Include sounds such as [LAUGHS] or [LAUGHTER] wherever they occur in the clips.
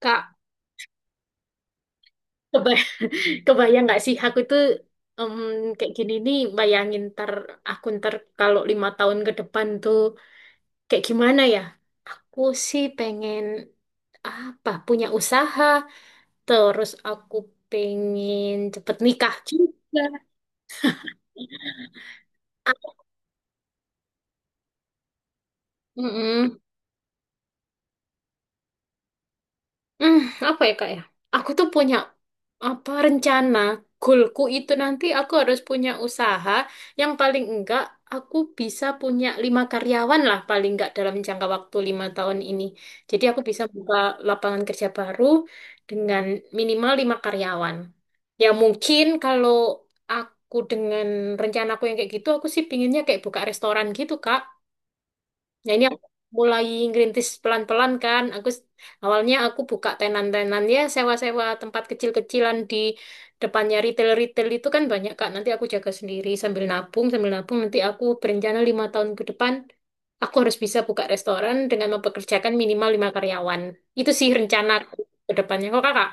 Kak, kebay [LAUGHS] kebayang nggak sih aku itu em, kayak gini nih bayangin ntar aku ntar kalau 5 tahun ke depan tuh kayak gimana ya? Aku sih pengen apa punya usaha, terus aku pengen cepet nikah juga. Mm-mm. Hmm, apa ya kak ya? Aku tuh punya apa rencana goalku itu nanti aku harus punya usaha yang paling enggak aku bisa punya lima karyawan lah paling enggak dalam jangka waktu 5 tahun ini. Jadi aku bisa buka lapangan kerja baru dengan minimal lima karyawan. Ya mungkin kalau aku dengan rencanaku yang kayak gitu aku sih pinginnya kayak buka restoran gitu kak. Nah, ini aku mulai ngerintis pelan-pelan kan. Awalnya aku buka tenan-tenan ya, sewa-sewa tempat kecil-kecilan di depannya retail-retail itu kan banyak Kak. Nanti aku jaga sendiri sambil nabung nanti aku berencana 5 tahun ke depan aku harus bisa buka restoran dengan mempekerjakan minimal lima karyawan. Itu sih rencana ke depannya. Kok Kakak?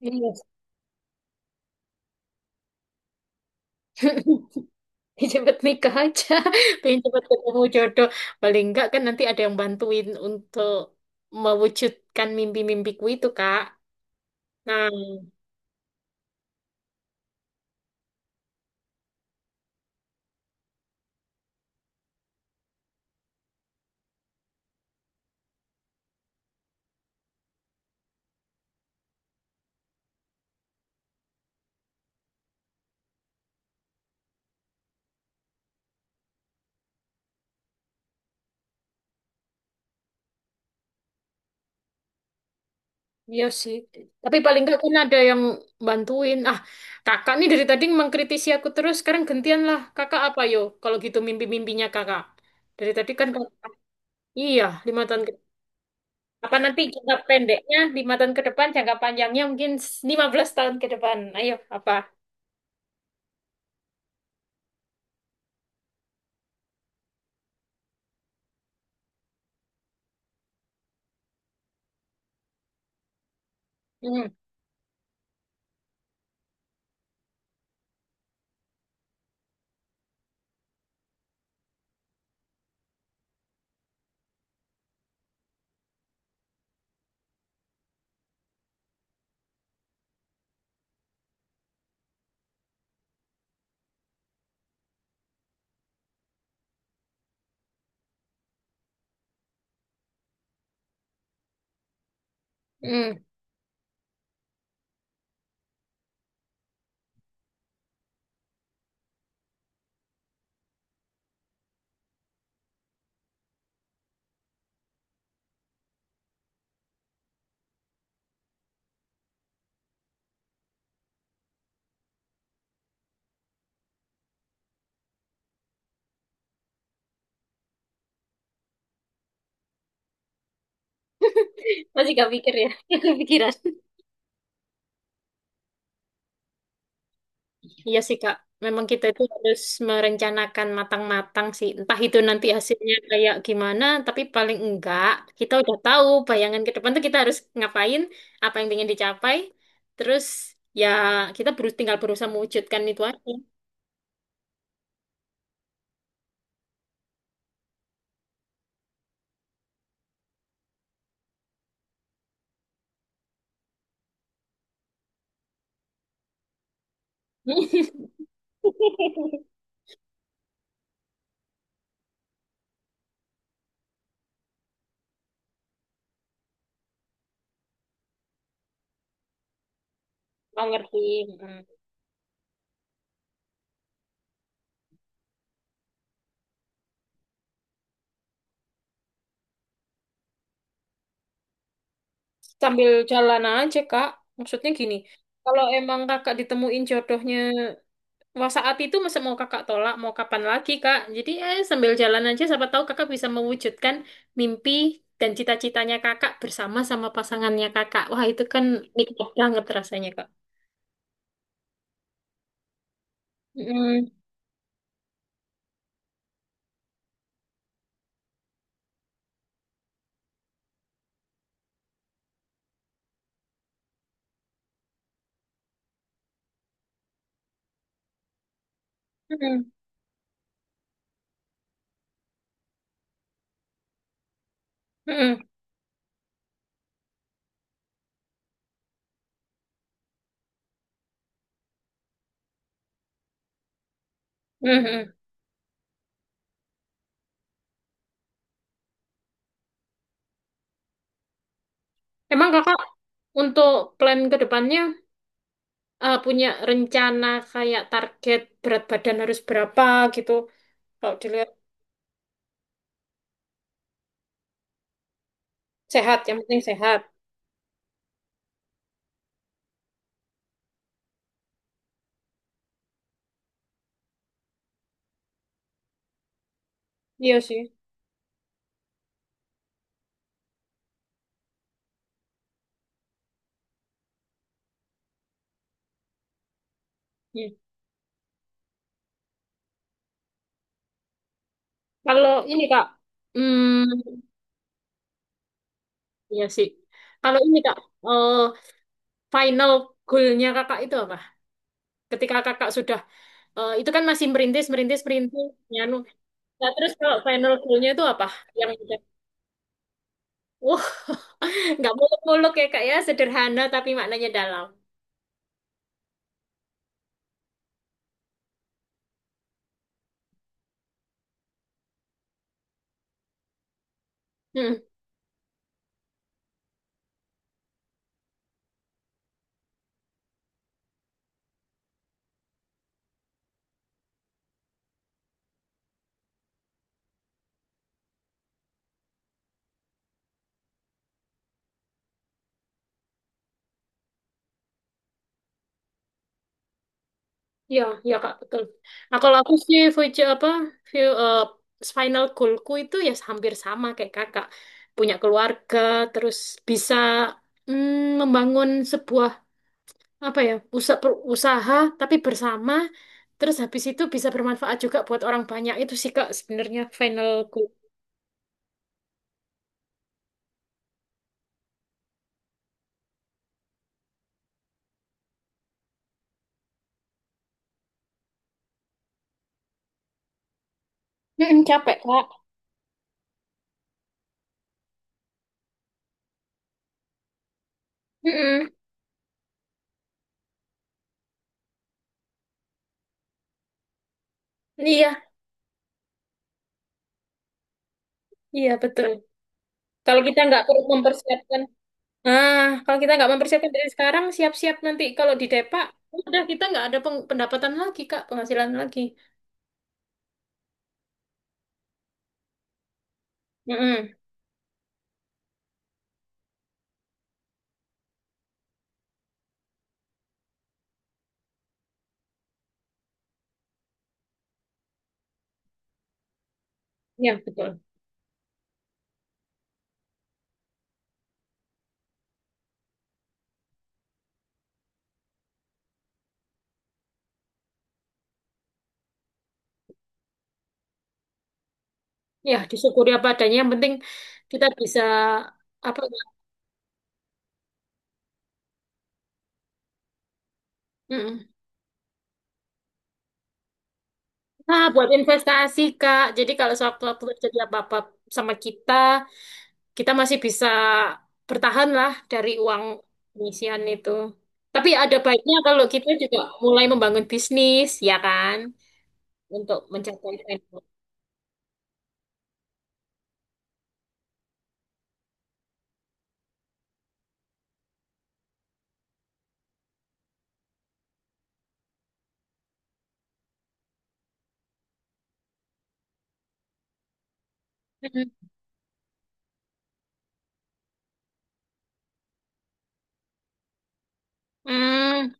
Iya. [LAUGHS] Ya cepet nikah aja, [LAUGHS] pengen cepet ketemu jodoh. Paling enggak kan nanti ada yang bantuin untuk mewujudkan mimpi-mimpiku itu, Kak. Nah, iya sih. Tapi paling enggak kan ada yang bantuin. Ah, kakak nih dari tadi mengkritisi aku terus. Sekarang gantian lah. Kakak apa yo? Kalau gitu mimpi-mimpinya kakak. Dari tadi kan kakak. Iya, 5 tahun ke. Apa nanti jangka pendeknya, 5 tahun ke depan, jangka panjangnya mungkin 15 tahun ke depan. Ayo, apa? Hmm. Hmm. Masih gak pikir ya? [LAUGHS] Gak kepikiran. Iya sih Kak, memang kita itu harus merencanakan matang-matang sih. Entah itu nanti hasilnya kayak gimana, tapi paling enggak kita udah tahu bayangan ke depan tuh kita harus ngapain, apa yang ingin dicapai. Terus ya kita berus tinggal berusaha mewujudkan itu aja. [LAUGHS] Nggak ngerti. Mm. Sambil jalan aja, Kak. Maksudnya gini, kalau emang kakak ditemuin jodohnya. Wah, saat itu masa mau kakak tolak, mau kapan lagi, Kak? Jadi, eh, sambil jalan aja, siapa tahu kakak bisa mewujudkan mimpi dan cita-citanya kakak bersama sama pasangannya kakak. Wah, itu kan nikmat banget rasanya, Kak. Mm, mm, mm, mm, mm. Emang kakak untuk plan ke depannya eh, punya rencana kayak target berat badan harus berapa gitu? Kalau dilihat sehat, yang penting sehat. Iya sih. Iya. Kalau ini, Kak, hmm, iya sih. Kalau ini Kak, eh, final goalnya Kakak itu apa? Ketika Kakak sudah, eh, itu kan masih merintis, merintis, merintis, nyanu. Nah, terus kalau final goalnya itu apa? Yang udah, wah, [LAUGHS] nggak muluk-muluk ya Kak ya, sederhana tapi maknanya dalam. Hmm, ya iya Kak, betul. Nah, kalau aku sih, future apa, view, eh, final goalku itu ya hampir sama kayak Kakak. Punya keluarga, terus bisa mm, membangun sebuah apa ya usaha, usaha tapi bersama terus habis itu bisa bermanfaat juga buat orang banyak itu sih kak sebenarnya finalku. Mm-mm, capek kak. Mm-mm. Iya. Iya betul. Kalau kita nggak perlu mempersiapkan ah kalau kita nggak mempersiapkan dari sekarang siap-siap nanti kalau di depak udah kita nggak ada pendapatan lagi kak penghasilan lagi. Mm-mm. Ya betul. Ya disyukuri apa adanya yang penting kita bisa apa ya, nah, buat investasi, Kak. Jadi kalau sewaktu-waktu terjadi apa-apa sama kita, kita masih bisa bertahan lah dari uang pengisian itu. Tapi ada baiknya kalau kita juga mulai membangun bisnis, ya kan? Untuk mencapai financial. Hmm. Hmm.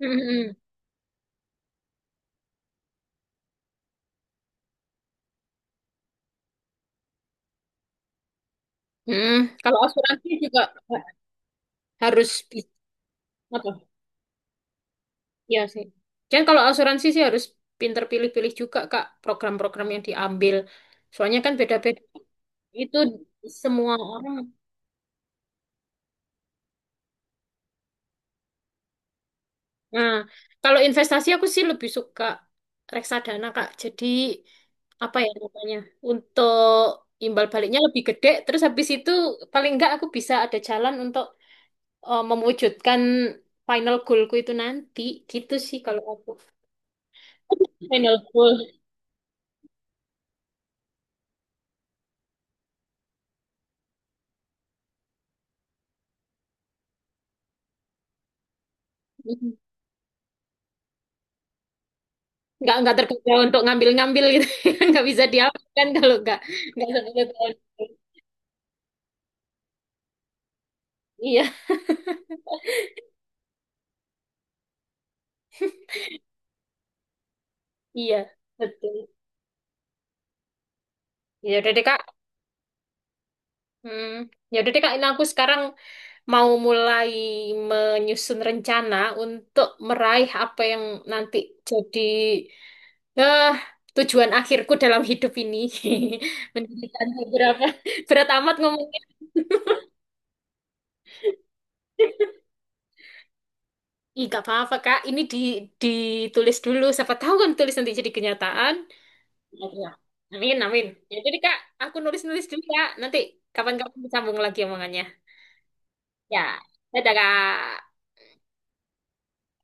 Hmm. Hmm. Hmm. Kalau asuransi juga harus apa? Iya sih. Dan kalau asuransi sih harus pinter pilih-pilih juga, Kak, program-program yang diambil. Soalnya kan beda-beda. Itu semua orang. Nah, kalau investasi aku sih lebih suka reksadana, Kak. Jadi apa ya namanya? Untuk imbal baliknya lebih gede, terus habis itu paling enggak aku bisa ada jalan untuk eh, mewujudkan final goalku itu nanti. Gitu sih kalau aku. [LAUGHS] Final goal. Nggak terkerja untuk ngambil-ngambil gitu. [LAUGHS] Nggak bisa diapakan kalau nggak sampai ke tahun. Iya, iya, betul. Ya udah deh, Kak. Hmm, ya udah deh Kak, ini aku sekarang mau mulai menyusun rencana untuk meraih apa yang nanti jadi eh, tujuan akhirku dalam hidup ini. [LAUGHS] Mendirikan beberapa berat amat ngomongnya. Ih, gak apa-apa Kak, ini di, ditulis dulu. Siapa tahu kan tulis nanti jadi kenyataan. Iya. Amin, amin. Ya jadi Kak, aku nulis-nulis dulu Kak. Nanti kapan-kapan disambung lagi omongannya. Ya, dadah Kak.